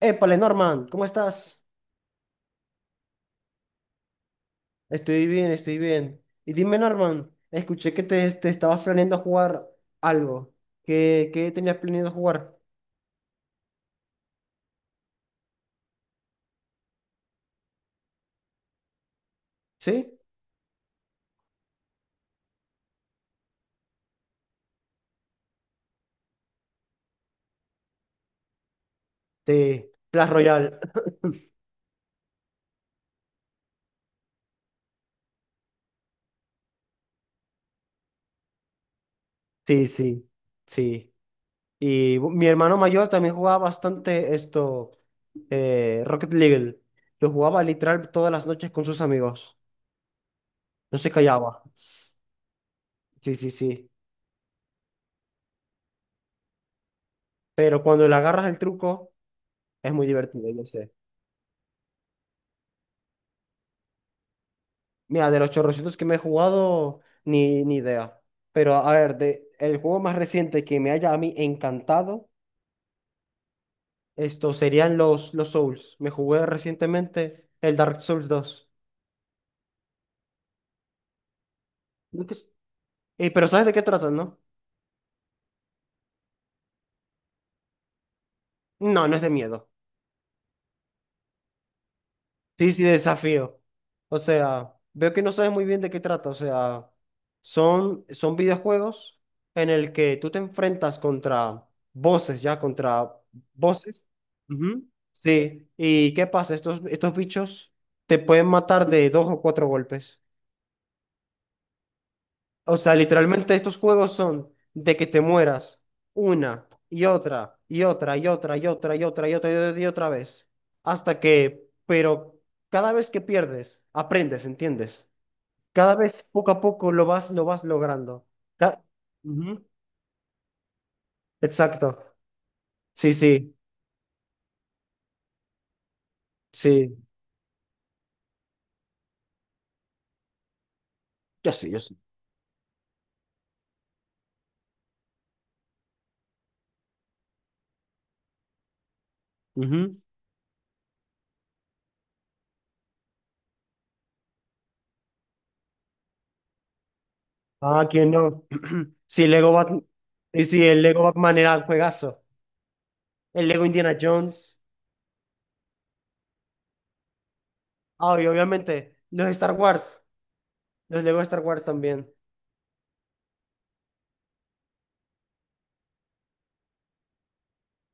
Épale, Norman, ¿cómo estás? Estoy bien, estoy bien. Y dime, Norman, escuché que te estabas planeando jugar algo. ¿Qué tenías planeado jugar? ¿Sí? Sí. Clash Royale. Sí, sí, sí. Y mi hermano mayor también jugaba bastante esto, Rocket League. Lo jugaba literal todas las noches con sus amigos. No se callaba. Sí, sí, sí. Pero cuando le agarras el truco, es muy divertido, yo sé. Mira, de los chorrocientos que me he jugado, ni idea. Pero a ver, de, el juego más reciente que me haya a mí encantado, esto serían los Souls. Me jugué recientemente el Dark Souls dos. Nunca es- Pero ¿sabes de qué tratan, no? No, no es de miedo. Sí, sí, desafío. O sea, veo que no sabes muy bien de qué trata. O sea, son videojuegos en el que tú te enfrentas contra voces, ya, contra voces. Ujú. Sí. ¿Y qué pasa? Estos bichos te pueden matar de dos o cuatro golpes. O sea, literalmente estos juegos son de que te mueras una y otra y otra y otra y otra y otra y otra y otra y otra vez. Hasta que, pero cada vez que pierdes, aprendes, ¿entiendes? Cada vez poco a poco lo vas logrando. Ca- Ujú. Exacto. Sí, sí, sí. Yo sí, yo sí. Ujú. Ah, ¿quién no? Sí, Lego Batman. Sí, sí, el Lego Batman era un juegazo. El Lego Indiana Jones. Ah, y obviamente, los Star Wars. Los Lego Star Wars también.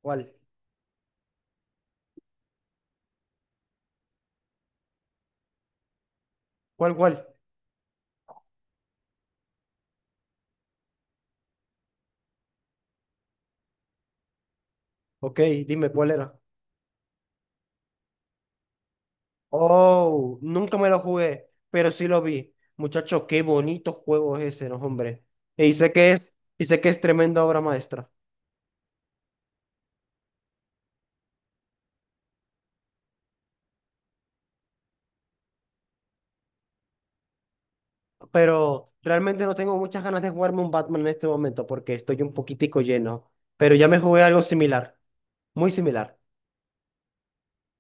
¿Cuál? ¿Cuál? Ok, dime cuál era. Oh, nunca me lo jugué, pero sí lo vi. Muchachos, qué bonito juego es ese, ¿no, hombre? Y sé que es tremenda obra maestra. Pero realmente no tengo muchas ganas de jugarme un Batman en este momento porque estoy un poquitico lleno. Pero ya me jugué algo similar, muy similar.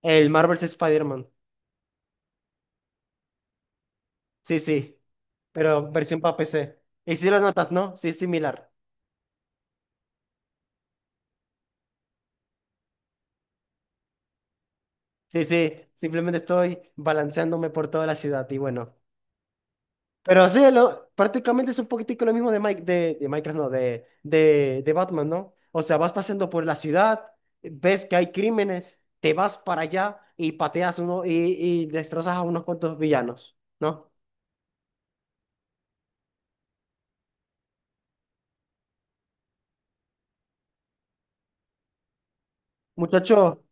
El Marvel's Spider-Man. Sí, sí, pero versión para PC. Y sí lo notas, ¿no? Sí, es similar. Sí, sí, simplemente estoy balanceándome por toda la ciudad y bueno. Pero sí, lo, prácticamente es un poquitico lo mismo de, Mike, de Minecraft, no, de Batman, ¿no? O sea, vas pasando por la ciudad, ves que hay crímenes, te vas para allá y pateas uno y destrozas a unos cuantos villanos, ¿no? Muchacho,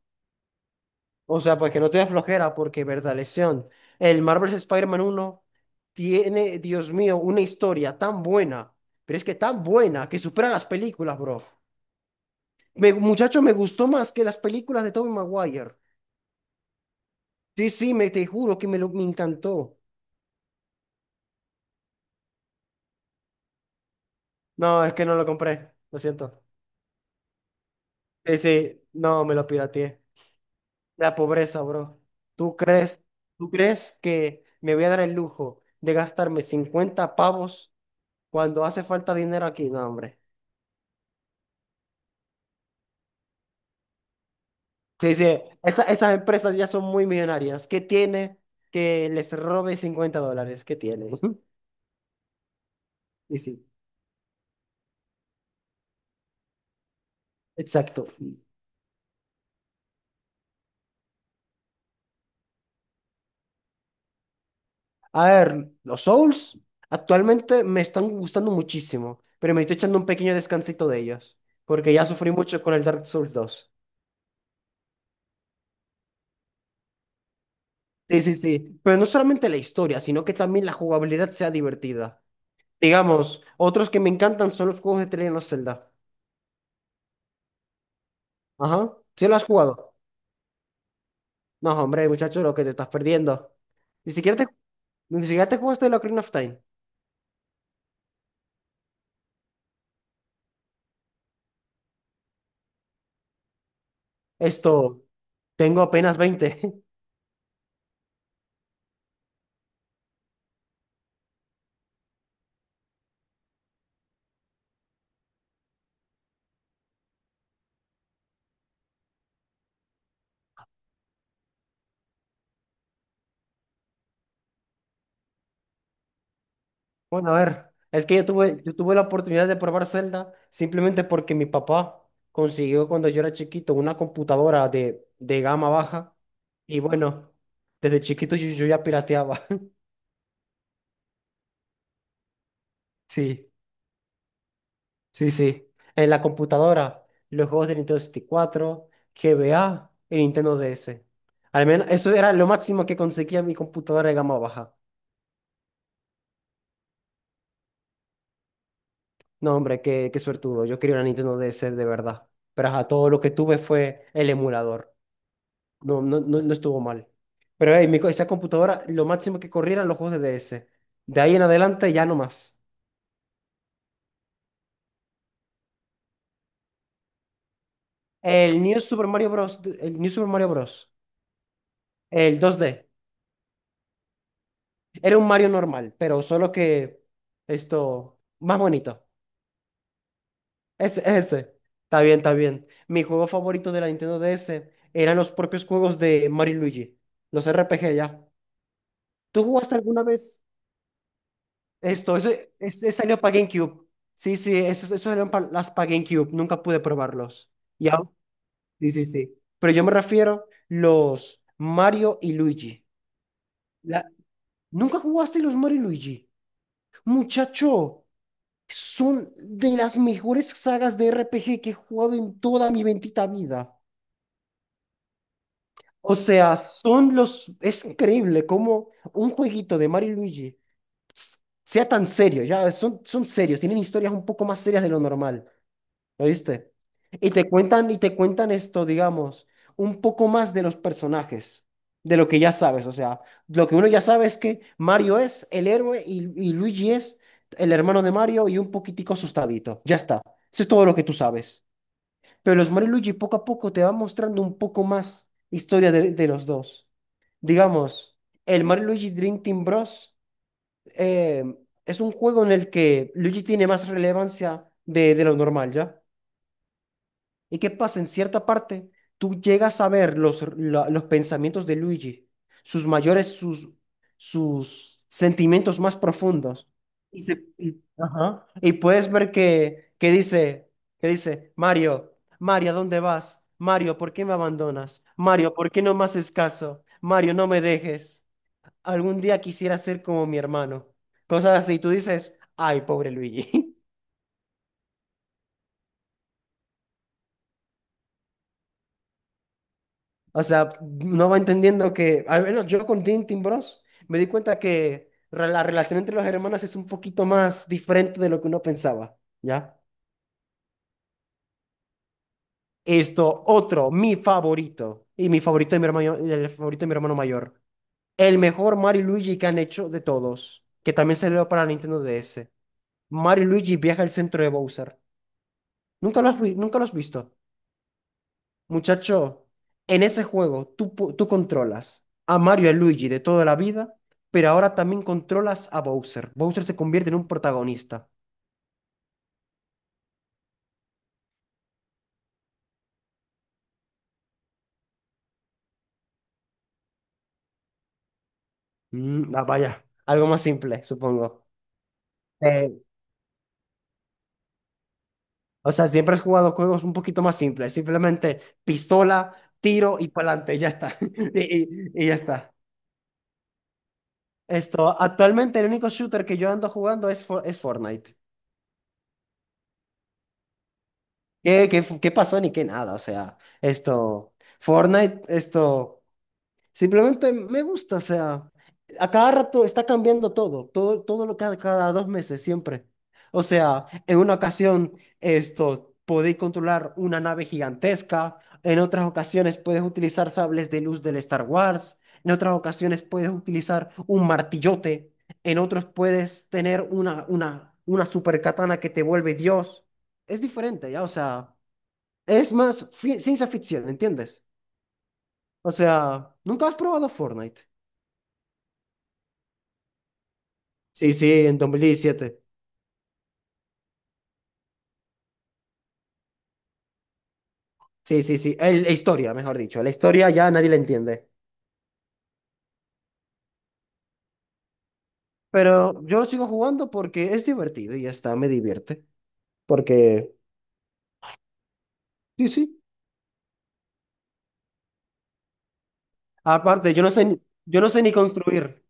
o sea, pues que no te dé flojera porque, verdad, lesión. El Marvel's Spider-Man 1 tiene, Dios mío, una historia tan buena, pero es que tan buena que supera las películas, bro. Me, muchacho, me gustó más que las películas de Tobey Maguire. Sí, sí, me, te juro que me, lo, me encantó. No, es que no lo compré, lo siento. Sí, sí, no, me lo pirateé. La pobreza, bro. ¿Tú crees, ¿tú crees que me voy a dar el lujo de gastarme 50 pavos cuando hace falta dinero aquí? No, hombre. Sí, sí, esas empresas ya son muy millonarias. ¿Qué tiene que les robe $50? ¿Qué tiene? Sí, sí, exacto. A ver, los Souls actualmente me están gustando muchísimo, pero me estoy echando un pequeño descansito de ellos, porque ya sufrí mucho con el Dark Souls dos. Sí, sí, sí, pero no solamente la historia, sino que también la jugabilidad sea divertida. Digamos, otros que me encantan son los juegos de The Legend of Zelda. Ajá, ¿sí lo has jugado? No, hombre, muchacho, lo que te estás perdiendo. Ni siquiera te, ni siquiera te jugaste el Ocarina of Time. Esto, tengo apenas 20. Bueno, a ver, es que yo tuve la oportunidad de probar Zelda simplemente porque mi papá consiguió cuando yo era chiquito una computadora de gama baja y bueno, desde chiquito yo ya pirateaba. Sí, sí, sí. En la computadora, los juegos de Nintendo 64, GBA y Nintendo DS. Al menos eso era lo máximo que conseguía mi computadora de gama baja. No, hombre, qué, qué suertudo. Yo quería una Nintendo DS de verdad. Pero ajá, todo lo que tuve fue el emulador. No, no, no, no estuvo mal. Pero ey, esa computadora, lo máximo que corría eran los juegos de DS. De ahí en adelante ya no más. El New Super Mario Bros. El dos d Era un Mario normal, pero solo que esto, más bonito. Ese, ese. Está bien, está bien. Mi juego favorito de la Nintendo DS eran los propios juegos de Mario y Luigi. Los RPG ya. ¿Tú jugaste alguna vez? Esto, eso, salió para GameCube. Sí, sí, eso salieron para las para GameCube. Nunca pude probarlos. ¿Ya? Sí, sí, sí. Pero yo me refiero los Mario y Luigi. La- ¿Nunca jugaste los Mario y Luigi? Muchacho, son de las mejores sagas de RPG que he jugado en toda mi bendita vida. O sea, son los... Es increíble cómo un jueguito de Mario y Luigi s- sea tan serio. Ya, son, son serios, tienen historias un poco más serias de lo normal. ¿Oíste? Y te cuentan esto, digamos, un poco más de los personajes, de lo que ya sabes. O sea, lo que uno ya sabe es que Mario es el héroe y Luigi es el hermano de Mario y un poquitico asustadito. Ya está. Eso es todo lo que tú sabes. Pero los Mario y Luigi poco a poco te van mostrando un poco más historia de los dos. Digamos, el Mario y Luigi Dream Team Bros. eh, es un juego en el que Luigi tiene más relevancia de lo normal, ¿ya? ¿Y qué pasa? En cierta parte, tú llegas a ver los pensamientos de Luigi, sus mayores, sus, sus sentimientos más profundos. Ajá, y puedes ver que, que dice, Mario, Mario, ¿a dónde vas? Mario, ¿por qué me abandonas? Mario, ¿por qué no me haces caso? Mario, no me dejes. Algún día quisiera ser como mi hermano. Cosas así. Tú dices, ay, pobre Luigi. O sea, no va entendiendo que, al menos yo con Tintin Bros, me di cuenta que la relación entre los hermanos es un poquito más diferente de lo que uno pensaba, ¿ya? Esto, otro, mi favorito, y mi favorito de mi hermano, el favorito de mi hermano mayor, el mejor Mario y Luigi que han hecho de todos, que también salió para Nintendo DS. Mario y Luigi viaja al centro de Bowser. ¿Nunca lo has visto? Muchacho, en ese juego tú controlas a Mario y a Luigi de toda la vida, pero ahora también controlas a Bowser. Bowser se convierte en un protagonista. Mm, ah, vaya, algo más simple, supongo. Eh, o sea, siempre has jugado juegos un poquito más simples, simplemente pistola, tiro y pa'lante, ya está. Y, y ya está. Esto, actualmente el único shooter que yo ando jugando es, es Fortnite. ¿Qué, qué, qué pasó ni qué nada? O sea, esto, Fortnite, esto. Simplemente me gusta, o sea, a cada rato está cambiando todo, todo, todo lo que cada 2 meses, siempre. O sea, en una ocasión, esto, podéis controlar una nave gigantesca, en otras ocasiones puedes utilizar sables de luz del Star Wars, en otras ocasiones puedes utilizar un martillote, en otros puedes tener una super katana que te vuelve Dios. Es diferente, ya, o sea, es más ciencia ficción, ¿entiendes? O sea, ¿nunca has probado Fortnite? Sí, sí, en 2017. Sí, sí, sí. La historia, mejor dicho. La historia ya nadie la entiende. Pero yo lo sigo jugando porque es divertido y ya está, me divierte. Porque, sí, sí. Aparte, yo no sé ni construir.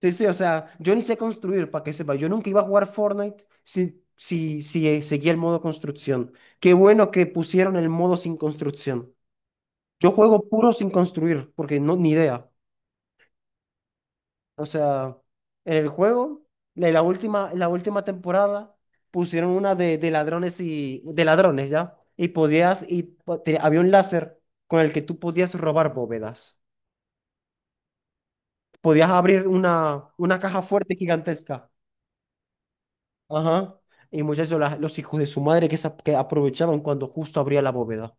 Sí, sí, o sea, yo ni sé construir, para que sepa. Yo nunca iba a jugar Fortnite si seguía el modo construcción. Qué bueno que pusieron el modo sin construcción. Yo juego puro sin construir, porque no, ni idea. O sea, en el juego, en la última temporada, pusieron una de ladrones y de ladrones, ¿ya? Y podías, y po- te- había un láser con el que tú podías robar bóvedas. Podías abrir una caja fuerte gigantesca. Ajá. Y muchachos, los hijos de su madre que, se que aprovechaban cuando justo abría la bóveda.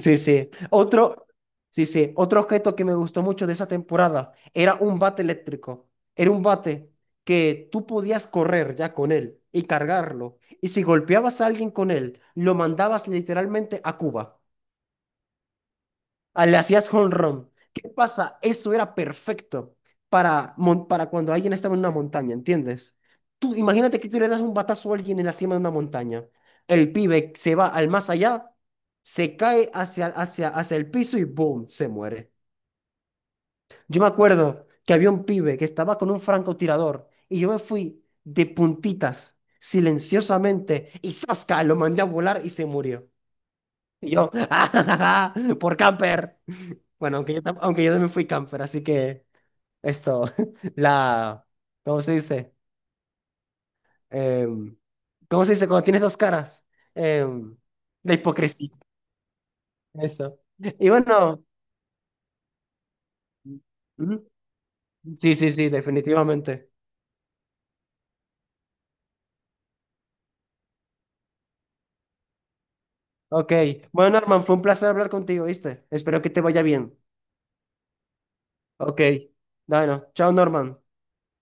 Sí, sí. Otro, sí, sí. Otro objeto que me gustó mucho de esa temporada era un bate eléctrico. Era un bate que tú podías correr ya con él y cargarlo. Y si golpeabas a alguien con él, lo mandabas literalmente a Cuba. Ah, le hacías home run. ¿Qué pasa? Eso era perfecto para, para cuando alguien estaba en una montaña, ¿entiendes? Tú imagínate que tú le das un batazo a alguien en la cima de una montaña. El pibe se va al más allá, se cae hacia el piso y ¡boom! Se muere. Yo me acuerdo que había un pibe que estaba con un francotirador y yo me fui de puntitas, silenciosamente, y ¡zasca! Lo mandé a volar y se murió. Y yo, ¡ah, ja, ja, ja, por camper! Bueno, aunque yo también fui camper, así que esto, la, ¿cómo se dice? Em, ¿Cómo se dice? Cuando tienes dos caras, Em, la hipocresía, eso. Y bueno, ujú, sí, sí, sí, definitivamente. Ok, bueno, Norman, fue un placer hablar contigo, ¿viste? Espero que te vaya bien. Ok, bueno, chao, Norman.